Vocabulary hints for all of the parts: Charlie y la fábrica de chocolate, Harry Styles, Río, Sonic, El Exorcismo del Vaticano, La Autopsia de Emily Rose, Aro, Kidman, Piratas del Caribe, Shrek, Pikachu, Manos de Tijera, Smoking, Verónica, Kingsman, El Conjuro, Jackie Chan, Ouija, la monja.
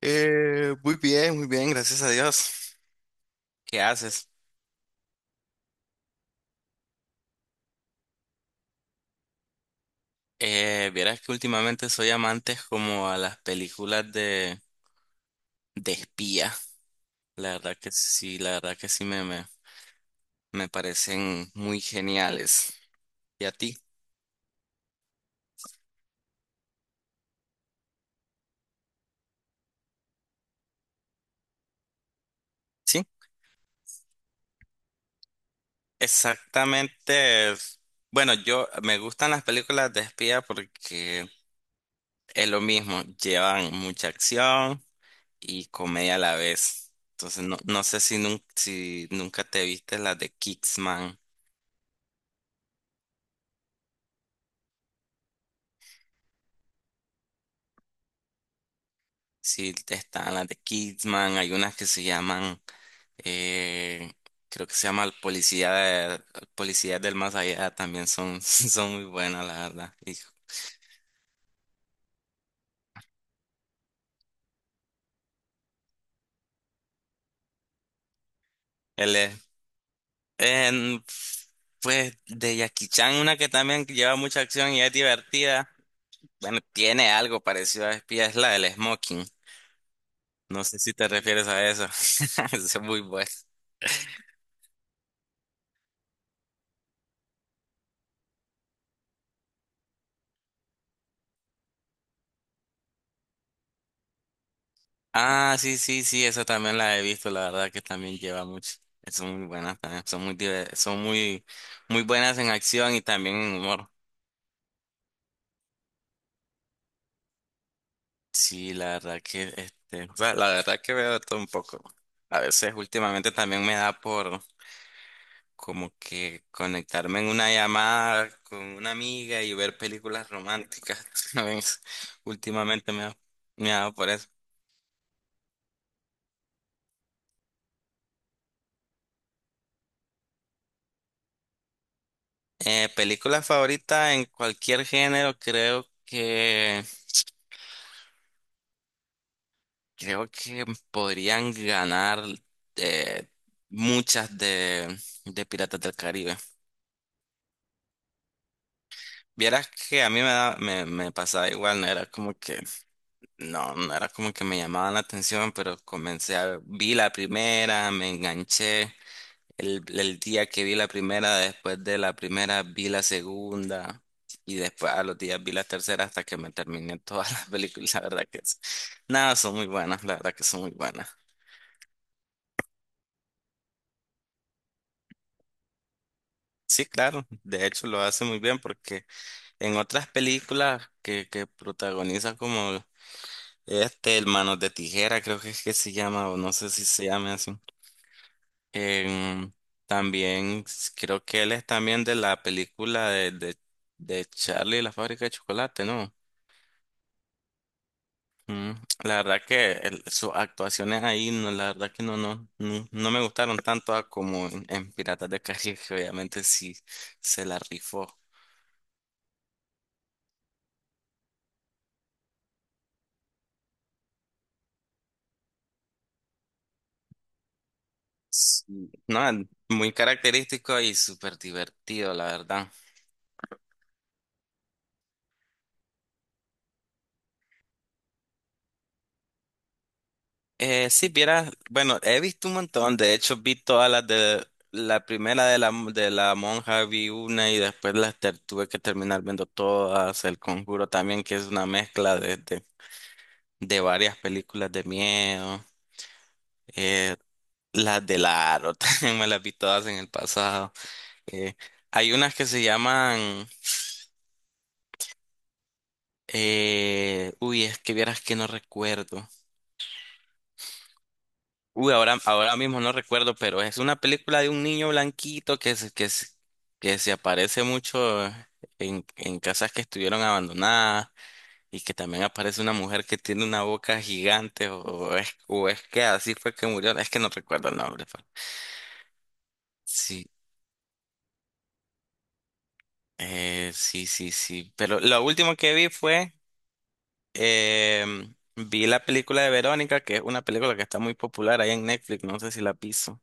Muy bien, muy bien, gracias a Dios. ¿Qué haces? Vieras que últimamente soy amante como a las películas de espía. La verdad que sí, la verdad que sí me parecen muy geniales. ¿Y a ti? Sí, exactamente. Bueno, yo me gustan las películas de espía porque es lo mismo, llevan mucha acción y comedia a la vez. Entonces, no, no sé si, si nunca te viste las de Kingsman. Sí, están las de Kidman, hay unas que se llaman, eh, creo que se llama El Policía Policía del Más Allá, también son, son muy buenas, la verdad. Y él es, en- pues de Jackie Chan, una que también lleva mucha acción y es divertida. Bueno, tiene algo parecido a Espía, es la del Smoking. No sé si te refieres a eso. Es muy buena. Ah, sí, sí, sí, esa también la he visto, la verdad que también lleva mucho. Son muy buenas también, son son muy, muy buenas en acción y también en humor. Sí, la verdad que, este, o sea, la verdad que veo de todo un poco. A veces últimamente también me da por como que conectarme en una llamada con una amiga y ver películas románticas. ¿Sabes? Últimamente me ha dado por eso. Película favorita en cualquier género, creo que. Creo que podrían ganar eh, muchas de Piratas del Caribe. Vieras que a mí me pasaba igual, no era como que, no, no era como que me llamaban la atención, pero vi la primera, me enganché. El día que vi la primera, después de la primera vi la segunda y después a los días vi la tercera hasta que me terminé todas las películas. La verdad que nada, son muy buenas, la verdad que son muy buenas. Sí, claro, de hecho lo hace muy bien porque en otras películas que protagoniza como este, el Manos de Tijera, creo que es que se llama, o no sé si se llama así. em, También creo que él es también de la película de Charlie y la fábrica de chocolate, ¿no? Mm, la verdad que sus actuaciones ahí, no, la verdad que no, no, no, no me gustaron tanto a como en Piratas de Caribe, que obviamente sí se la rifó. Sí. No, muy característico y súper divertido, la verdad. Sí, vieras, bueno, he visto un montón, de hecho vi todas las de la primera de de la monja, vi una y después tuve que terminar viendo todas, El Conjuro también, que es una mezcla de varias películas de miedo, eh, las de Aro también me las vi todas en el pasado. Eh, Hay unas que se llaman, uy, es que vieras que no recuerdo. Uy, ahora mismo no recuerdo, pero es una película de un niño blanquito que se aparece mucho en casas que estuvieron abandonadas y que también aparece una mujer que tiene una boca gigante o es que así fue que murió. Es que no recuerdo el nombre, pero… Sí, sí, sí, sí. Pero lo último que vi fue, vi la película de Verónica, que es una película que está muy popular ahí en Netflix, no sé si la piso.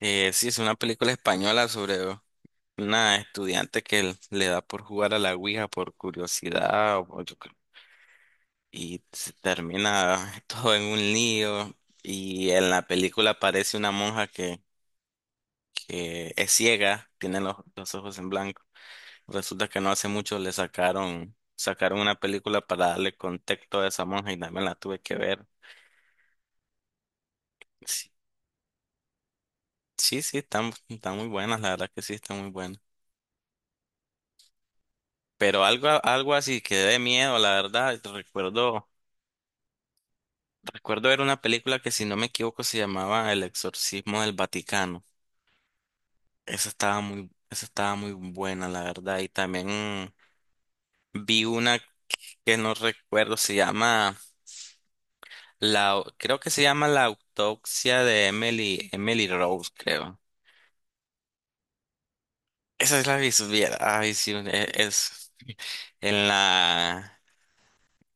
Sí, es una película española sobre una estudiante que le da por jugar a la Ouija por curiosidad o yo creo, y se termina todo en un lío. Y en la película aparece una monja que es ciega, tiene los ojos en blanco. Resulta que no hace mucho le sacaron, sacaron una película para darle contexto a esa monja y también la tuve que ver. Sí, sí, sí, están, están muy buenas, la verdad que sí, están muy buenas. Pero algo, algo así que dé miedo, la verdad, te recuerdo. Recuerdo ver una película que, si no me equivoco, se llamaba El Exorcismo del Vaticano. Esa estaba muy buena, la verdad. Y también vi una que no recuerdo, se llama creo que se llama La Autopsia de Emily, Emily Rose, creo. Esa es la vi, supiera. Ay, sí, es en la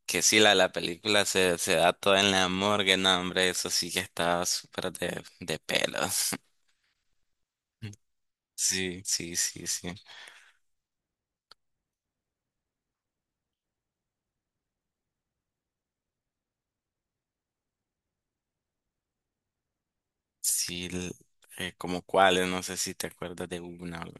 que sí, la película se da toda en la morgue, no, hombre, eso sí que estaba súper de pelos. Sí, sí, sí, sí. Sí, como cuáles, no sé si te acuerdas de una.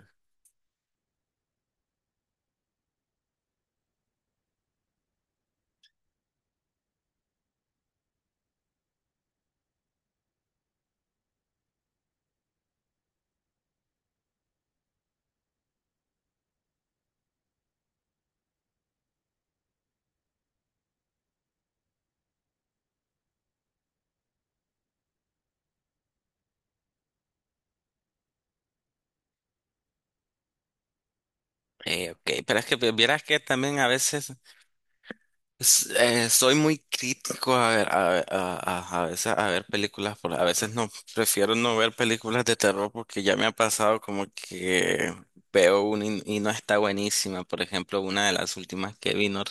Ok, pero es que vieras que también a veces soy muy crítico a veces a ver películas, a veces no, prefiero no ver películas de terror porque ya me ha pasado como que veo una y no está buenísima. Por ejemplo, una de las últimas que vino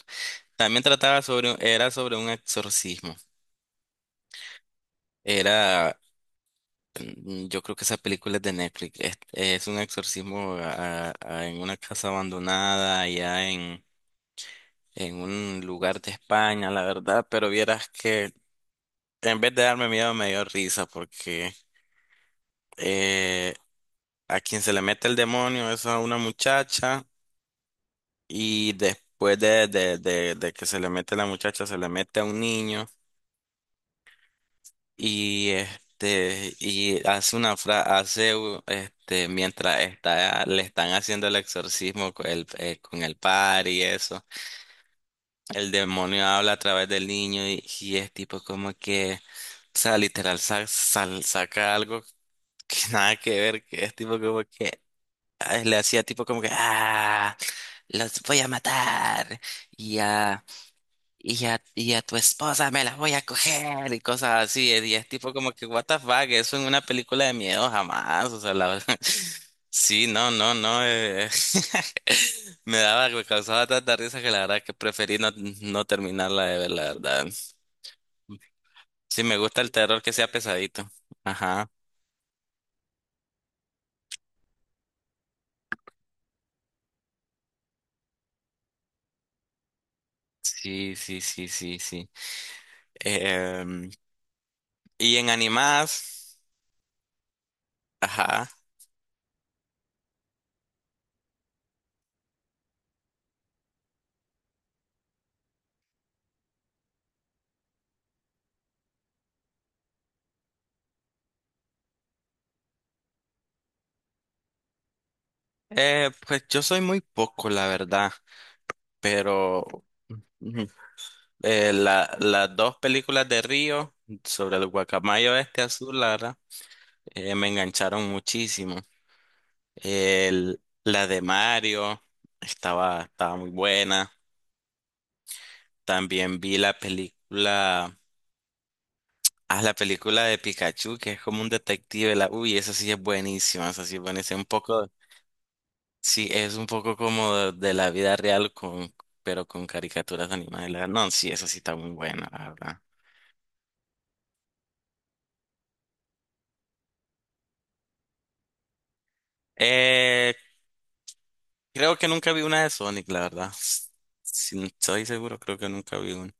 también trataba sobre, era sobre un exorcismo. Era mm, yo creo que esa película es de Netflix. Es un exorcismo en una casa abandonada, allá en un lugar de España, la verdad. Pero vieras que en vez de darme miedo, me dio risa porque eh, a quien se le mete el demonio es a una muchacha y después de que se le mete la muchacha, se le mete a un niño. Y este, y hace una frase, hace este, mientras está, le están haciendo el exorcismo con el par y eso, el demonio habla a través del niño y es tipo como que, o sea, literal saca algo que nada que ver, que es tipo como que ah, le hacía tipo como que, ah, los voy a matar, y ya y a tu esposa me la voy a coger y cosas así. Y es tipo como que, what the fuck, eso en una película de miedo jamás. O sea, la… sí, no, no, no. Me daba, me causaba tanta risa que la verdad que preferí no, no terminarla de ver, la verdad. Sí, me gusta el terror que sea pesadito. Ajá. Sí, sí, sí, sí, sí. Em, y en animadas, ajá. Pues yo soy muy poco, la verdad, pero las dos películas de Río sobre el guacamayo este azul, la verdad, me engancharon muchísimo. La de Mario estaba, estaba muy buena. También vi la película, ah, la película de Pikachu, que es como un detective. La, uy, esa sí es buenísima, esa sí es buenísima. Un poco, sí, es un poco como de la vida real, con, pero con caricaturas animadas. No, sí, esa sí está muy buena, la verdad. Eh, Creo que nunca vi una de Sonic, la verdad. Si estoy seguro, creo que nunca vi una.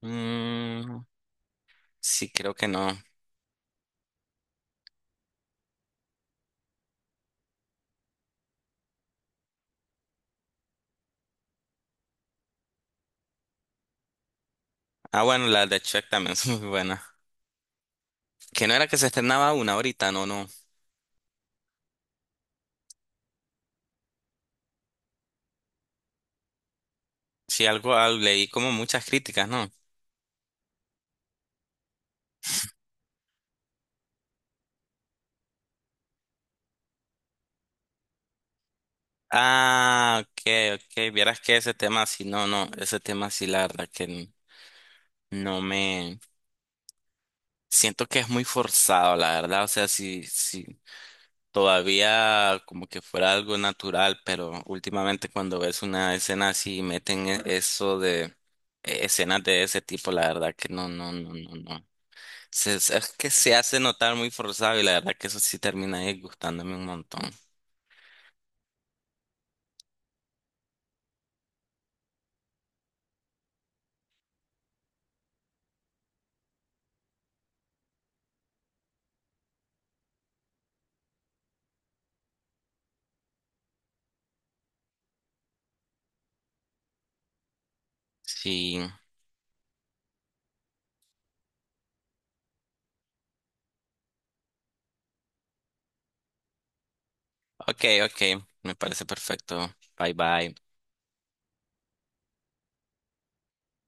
Mm, sí, creo que no. Ah, bueno, la de Shrek también es muy buena. Que no era que se estrenaba una ahorita, no, no. Sí, algo, ah, leí como muchas críticas, ¿no? Ah, ok, ok. Vieras que ese tema sí, no, no. Ese tema sí, la verdad que no me. Siento que es muy forzado, la verdad. O sea, sí, sí, todavía como que fuera algo natural, pero últimamente cuando ves una escena así y meten eso de escenas de ese tipo, la verdad que no, no, no, no, no. Es que se hace notar muy forzado y la verdad que eso sí termina disgustándome un montón. Sí, ok, ok, me parece perfecto. Bye bye.